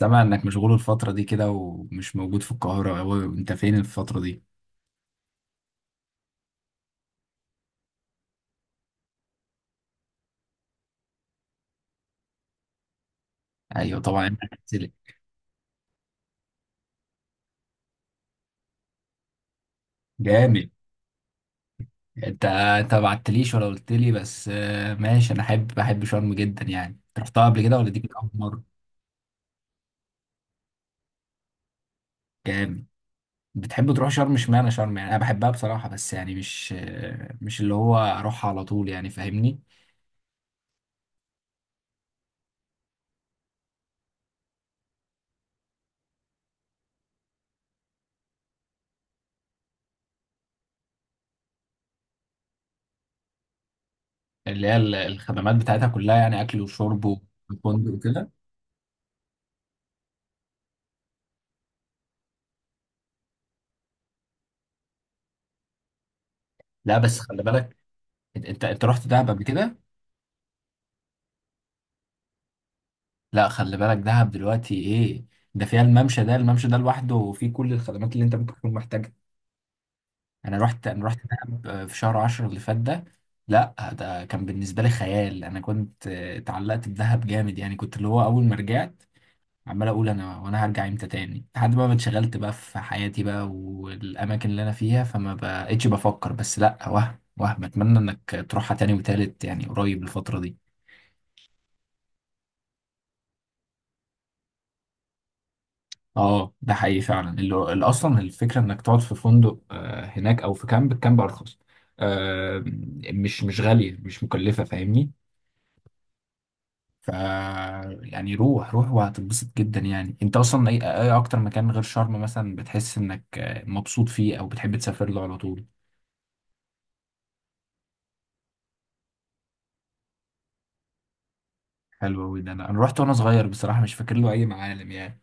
سامع انك مشغول الفترة دي كده ومش موجود في القاهرة، هو انت فين الفترة دي؟ ايوه طبعا انت هتسلك. جامد. انت ما بعتليش ولا قلت لي. بس آه، ماشي. انا بحب شرم جدا، يعني أنت رحتها قبل كده ولا دي كانت اول مرة؟ جامد. بتحب تروح شرم؟ اشمعنى شرم؟ يعني انا بحبها بصراحة، بس يعني مش مش اللي هو اروحها على طول، يعني فاهمني؟ اللي هي الخدمات بتاعتها كلها، يعني اكل وشرب وفندق وكده. لا بس خلي بالك. انت أنت رحت دهب قبل كده؟ لا خلي بالك دهب دلوقتي ايه. ده فيها الممشى ده، الممشى ده لوحده فيه كل الخدمات اللي انت ممكن تكون محتاجها. انا رحت دهب في شهر عشرة اللي فات ده. لا ده كان بالنسبة لي خيال. انا كنت اتعلقت بدهب جامد، يعني كنت اللي هو اول ما رجعت عمال اقول انا، وانا هرجع امتى تاني، لحد بقى ما اتشغلت بقى في حياتي بقى والاماكن اللي انا فيها، فما بقتش بفكر. بس لا، وهم اتمنى انك تروحها تاني وتالت، يعني قريب الفترة دي. اه ده حقيقي فعلا، اللي اصلا الفكره انك تقعد في فندق هناك او في كامب، الكامب ارخص. آه، مش غاليه، مش مكلفه، فاهمني؟ ف يعني روح وهتتبسط جدا. يعني انت اصلا اي اكتر مكان غير شرم مثلا بتحس انك مبسوط فيه او بتحب تسافر له على طول؟ حلو قوي ده. انا رحت وانا صغير بصراحه، مش فاكر له اي معالم يعني.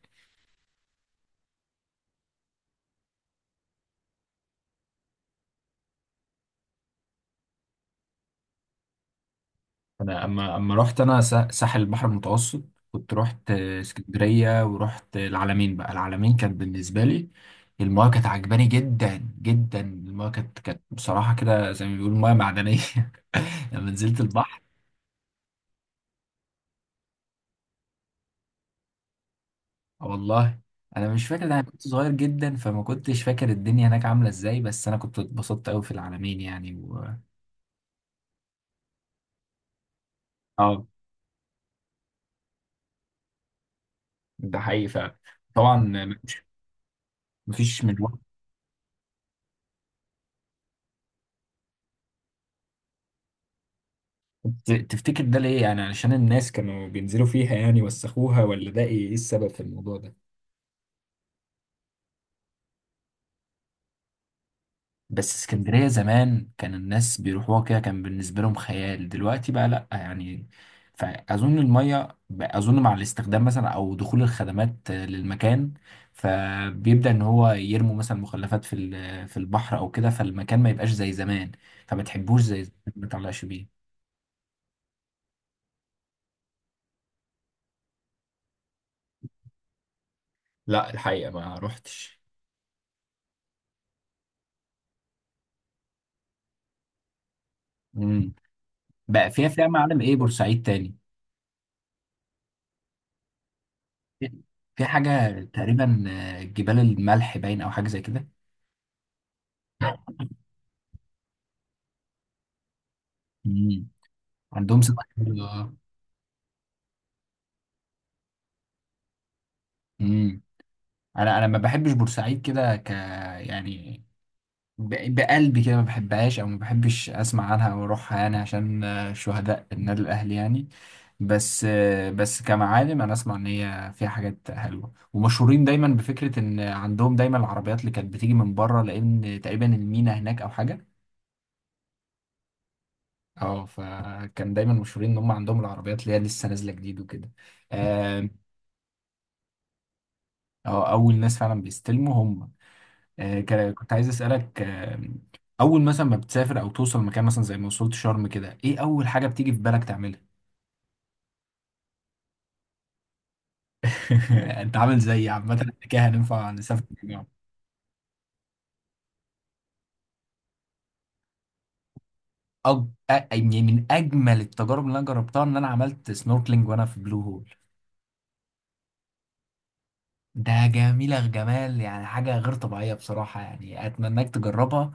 انا اما رحت انا ساحل البحر المتوسط، كنت رحت اسكندريه ورحت العلمين، بقى العلمين كانت بالنسبه لي، المايه كانت عجباني جدا جدا. المايه كانت بصراحه كده زي ما بيقولوا مايه معدنيه. لما نزلت البحر. آه والله. انا مش فاكر ده، انا كنت صغير جدا، فما كنتش فاكر الدنيا هناك عامله ازاي، بس انا كنت اتبسطت قوي في العلمين يعني و... اه ده حقيقي فعلا. طبعا. مفيش، مفيش مروح. تفتكر ده ليه؟ يعني علشان الناس كانوا بينزلوا فيها يعني وسخوها، ولا ده ايه، إيه السبب في الموضوع ده؟ بس اسكندرية زمان كان الناس بيروحوها كده، كان بالنسبة لهم خيال، دلوقتي بقى لأ يعني. فأظن المية أظن مع الاستخدام مثلا أو دخول الخدمات للمكان، فبيبدأ إن هو يرموا مثلا مخلفات في في البحر أو كده، فالمكان ما يبقاش زي زمان، فما تحبوش زي زمان، ما تعلقش بيه. لا الحقيقة ما روحتش. مم. بقى فيها، فيها معالم إيه بورسعيد تاني؟ في، في حاجة تقريبا جبال الملح باين أو حاجة زي كده. مم. عندهم سمك حلو، اه. مم. أنا ما بحبش بورسعيد كده، ك يعني، بقلبي كده ما بحبهاش، أو ما بحبش أسمع عنها أو أروحها يعني، عشان آه، شهداء النادي الأهلي يعني. بس آه، بس كمعالم أنا أسمع إن هي فيها حاجات حلوة، ومشهورين دايما بفكرة إن عندهم دايما العربيات اللي كانت بتيجي من بره، لأن تقريبا المينا هناك أو حاجة. اه فكان دايما مشهورين ان هم عندهم العربيات اللي هي لسه نازله جديد وكده. اه. آه، اول ناس فعلا بيستلموا هم. آه كنت عايز اسالك آه، اول مثلا ما بتسافر او توصل مكان، مثلا زي ما وصلت شرم كده، ايه اول حاجه بتيجي في بالك تعملها؟ انت عامل زيي. عامه إحنا كده هننفع نسافر مع بعض. أج... يعني من اجمل التجارب اللي انا جربتها ان انا عملت سنوركلينج وانا في بلو هول. ده جميلة، جمال يعني، حاجة غير طبيعية بصراحة، يعني أتمناك تجربها.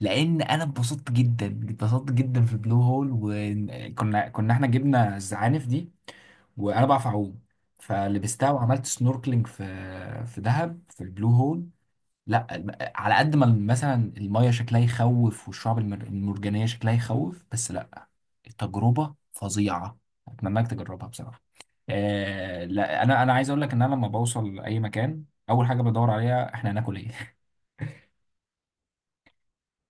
لأن أنا اتبسطت جدا، اتبسطت جدا في البلو هول. وكنا احنا جبنا الزعانف دي، وأنا بعرف أعوم، فلبستها وعملت سنوركلينج في، في دهب، في البلو هول. لا على قد ما مثلا المية شكلها يخوف، والشعب المرجانية شكلها يخوف، بس لا، التجربة فظيعة، اتمناك تجربها بصراحة. آه لا، انا عايز اقول لك ان انا لما بوصل اي مكان، اول حاجة بدور عليها احنا هناكل ايه.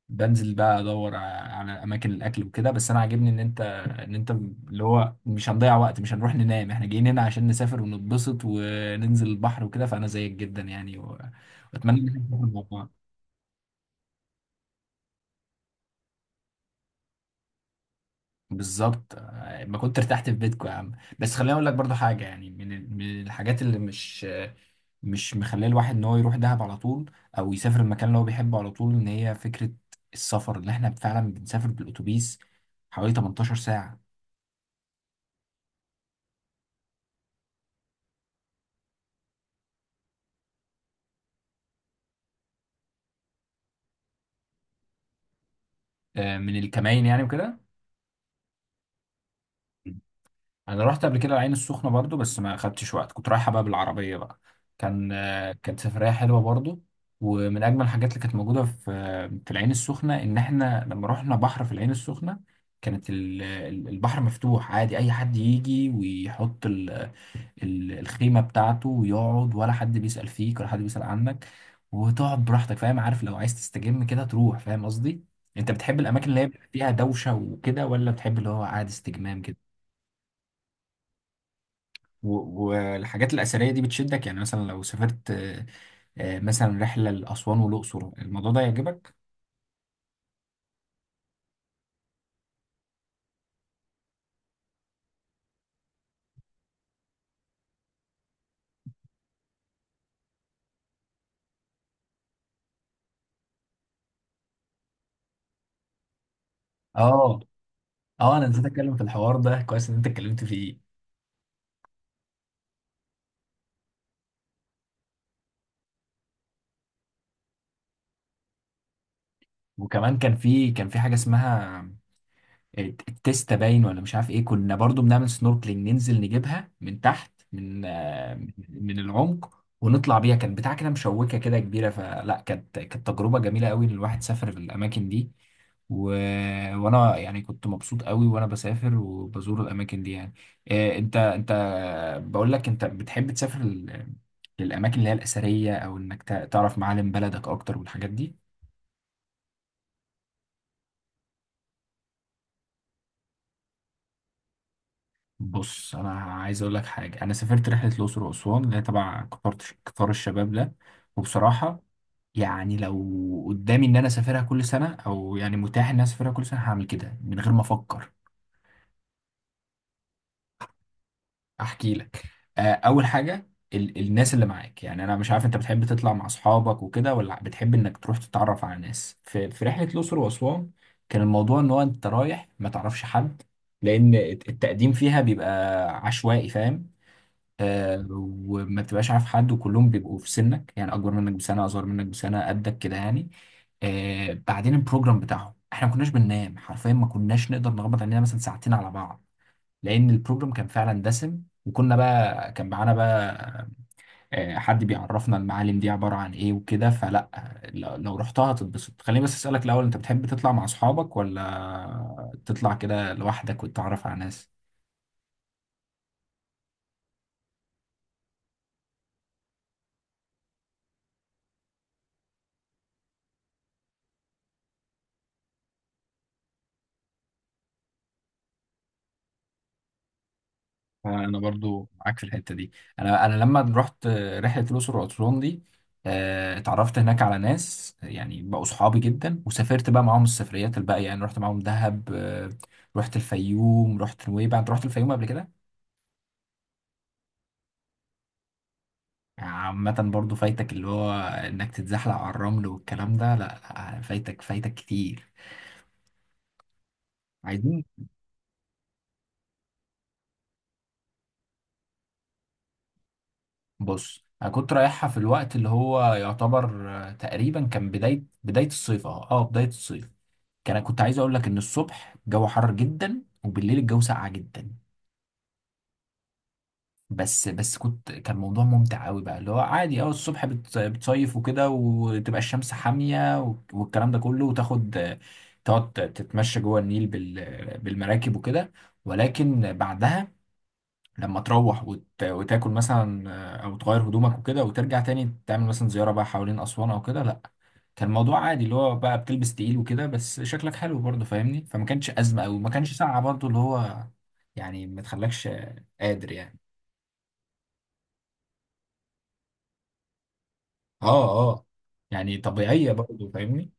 بنزل بقى ادور على اماكن الاكل وكده. بس انا عاجبني ان انت اللي هو مش هنضيع وقت، مش هنروح ننام، احنا جايين هنا عشان نسافر ونتبسط وننزل البحر وكده، فانا زيك جدا يعني و- واتمنى ان احنا نسافر مع بعض. بالظبط. آه، ما كنت ارتحت في بيتكم يا عم. بس خليني اقول لك برضو حاجه، يعني من من الحاجات اللي مش مش مخليه الواحد ان هو يروح دهب على طول، او يسافر المكان اللي هو بيحبه على طول، ان هي فكره السفر اللي احنا فعلا بنسافر بالاتوبيس حوالي 18 ساعه. آه، من الكماين يعني وكده. انا رحت قبل كده العين السخنه برضو، بس ما اخدتش وقت، كنت رايحه بقى بالعربيه بقى. كان آه، كانت سفريه حلوه برضو. ومن اجمل الحاجات اللي كانت موجوده في في العين السخنه، ان احنا لما رحنا بحر في العين السخنه، كانت البحر مفتوح عادي، اي حد يجي ويحط الخيمه بتاعته ويقعد، ولا حد بيسال فيك ولا حد بيسال عنك، وتقعد براحتك، فاهم؟ عارف لو عايز تستجم كده تروح، فاهم قصدي؟ انت بتحب الاماكن اللي هي بيبقى فيها دوشه وكده، ولا بتحب اللي هو قاعد استجمام كده؟ و- والحاجات الأثرية دي بتشدك؟ يعني مثلا لو سافرت آه، مثلا رحلة لأسوان والأقصر، الموضوع ده يعجبك؟ اه. اه انا نسيت اتكلم في الحوار ده، كويس ان انت اتكلمت فيه. وكمان كان في، كان في حاجه اسمها التيستا باين ولا مش عارف ايه، كنا برضو بنعمل سنوركلينج ننزل نجيبها من تحت من من العمق ونطلع بيها. كان بتاع كده مشوكه كده كبيره، فلا كانت تجربه جميله قوي ان الواحد سافر الاماكن دي و... وانا يعني كنت مبسوط قوي وانا بسافر وبزور الاماكن دي يعني. إيه انت بقول لك، انت بتحب تسافر للاماكن اللي هي الاثريه؟ او انك تعرف معالم بلدك اكتر والحاجات دي؟ بص انا عايز اقول لك حاجه، انا سافرت رحله الاقصر واسوان اللي هي تبع قطار، قطار الشباب ده، وبصراحه يعني لو قدامي ان انا اسافرها كل سنه، او يعني متاح ان انا اسافرها كل سنه، هعمل كده من غير ما افكر. احكي لك. آه، اول حاجه ال الناس اللي معاك، يعني انا مش عارف انت بتحب تطلع مع اصحابك وكده ولا بتحب انك تروح تتعرف على ناس؟ في، في رحله الاقصر واسوان كان الموضوع ان هو انت رايح ما تعرفش حد، لان التقديم فيها بيبقى عشوائي، فاهم؟ آه، وما بتبقاش عارف حد، وكلهم بيبقوا في سنك يعني، اكبر منك بسنه، اصغر منك بسنه، قدك كده يعني. آه، بعدين البروجرام بتاعهم احنا ما كناش بننام، حرفيا ما كناش نقدر نغمض عينينا مثلا ساعتين على بعض، لان البروجرام كان فعلا دسم. وكنا بقى، كان معانا بقى آه، حد بيعرفنا المعالم دي عباره عن ايه وكده، فلا، لو رحتها هتتبسط. خليني بس اسالك الاول، انت بتحب تطلع مع اصحابك ولا تطلع كده لوحدك وتتعرف على ناس؟ انا برضو معاك في الحته دي. انا لما رحت رحله الاقصر واسوان دي آه، اتعرفت هناك على ناس يعني بقوا صحابي جدا، وسافرت بقى معاهم السفريات الباقيه يعني. رحت معاهم دهب، آه، رحت الفيوم، رحت نويبع. انت رحت الفيوم قبل كده؟ عامه برضو فايتك اللي هو انك تتزحلق على الرمل والكلام ده، لا لا فايتك، فايتك كتير. عايزين. بص انا كنت رايحها في الوقت اللي هو يعتبر آه، تقريبا كان بدايه، بدايه الصيف، اه اه بدايه الصيف. كان كنت عايز اقول لك ان الصبح الجو حر جدا، وبالليل الجو ساقع جدا. بس كنت، كان موضوع ممتع قوي بقى، اللي هو عادي اه الصبح بتصيف وكده، وتبقى الشمس حاميه والكلام ده كله، وتاخد آه، تقعد تتمشى جوه النيل بالمراكب وكده. ولكن بعدها لما تروح وتاكل مثلا آه، او تغير هدومك وكده، وترجع تاني تعمل مثلا زيارة بقى حوالين اسوان او كده، لا كان الموضوع عادي، اللي هو بقى بتلبس تقيل وكده بس شكلك حلو برضه، فاهمني؟ فما كانش ازمة قوي، وما كانش ساقعة برضه، اللي هو يعني ما تخلكش قادر يعني. اه اه، يعني طبيعية برضه، فاهمني؟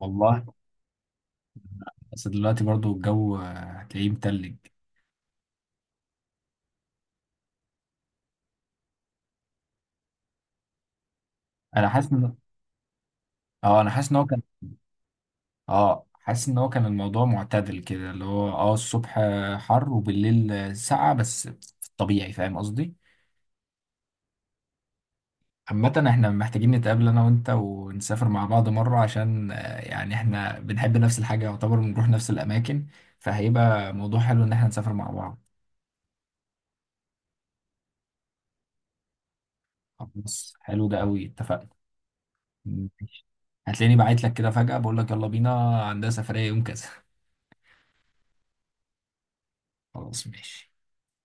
والله، بس دلوقتي برضه الجو آه، هتلاقيه متلج. انا حاسس ان، اه انا حاسس ان هو كان، اه حاسس ان هو كان الموضوع معتدل كده، اللي هو اه الصبح حر وبالليل ساقعة، بس في الطبيعي، فاهم قصدي؟ عامة احنا محتاجين نتقابل انا وانت ونسافر مع بعض مرة، عشان آه، يعني احنا بنحب نفس الحاجة يعتبر، بنروح نفس الاماكن، فهيبقى موضوع حلو ان احنا نسافر مع بعض. خلاص حلو ده قوي، اتفقنا. ماشي. هتلاقيني بعت لك كده فجأة بقول لك يلا بينا، عندها سفرية يوم كذا. خلاص ماشي.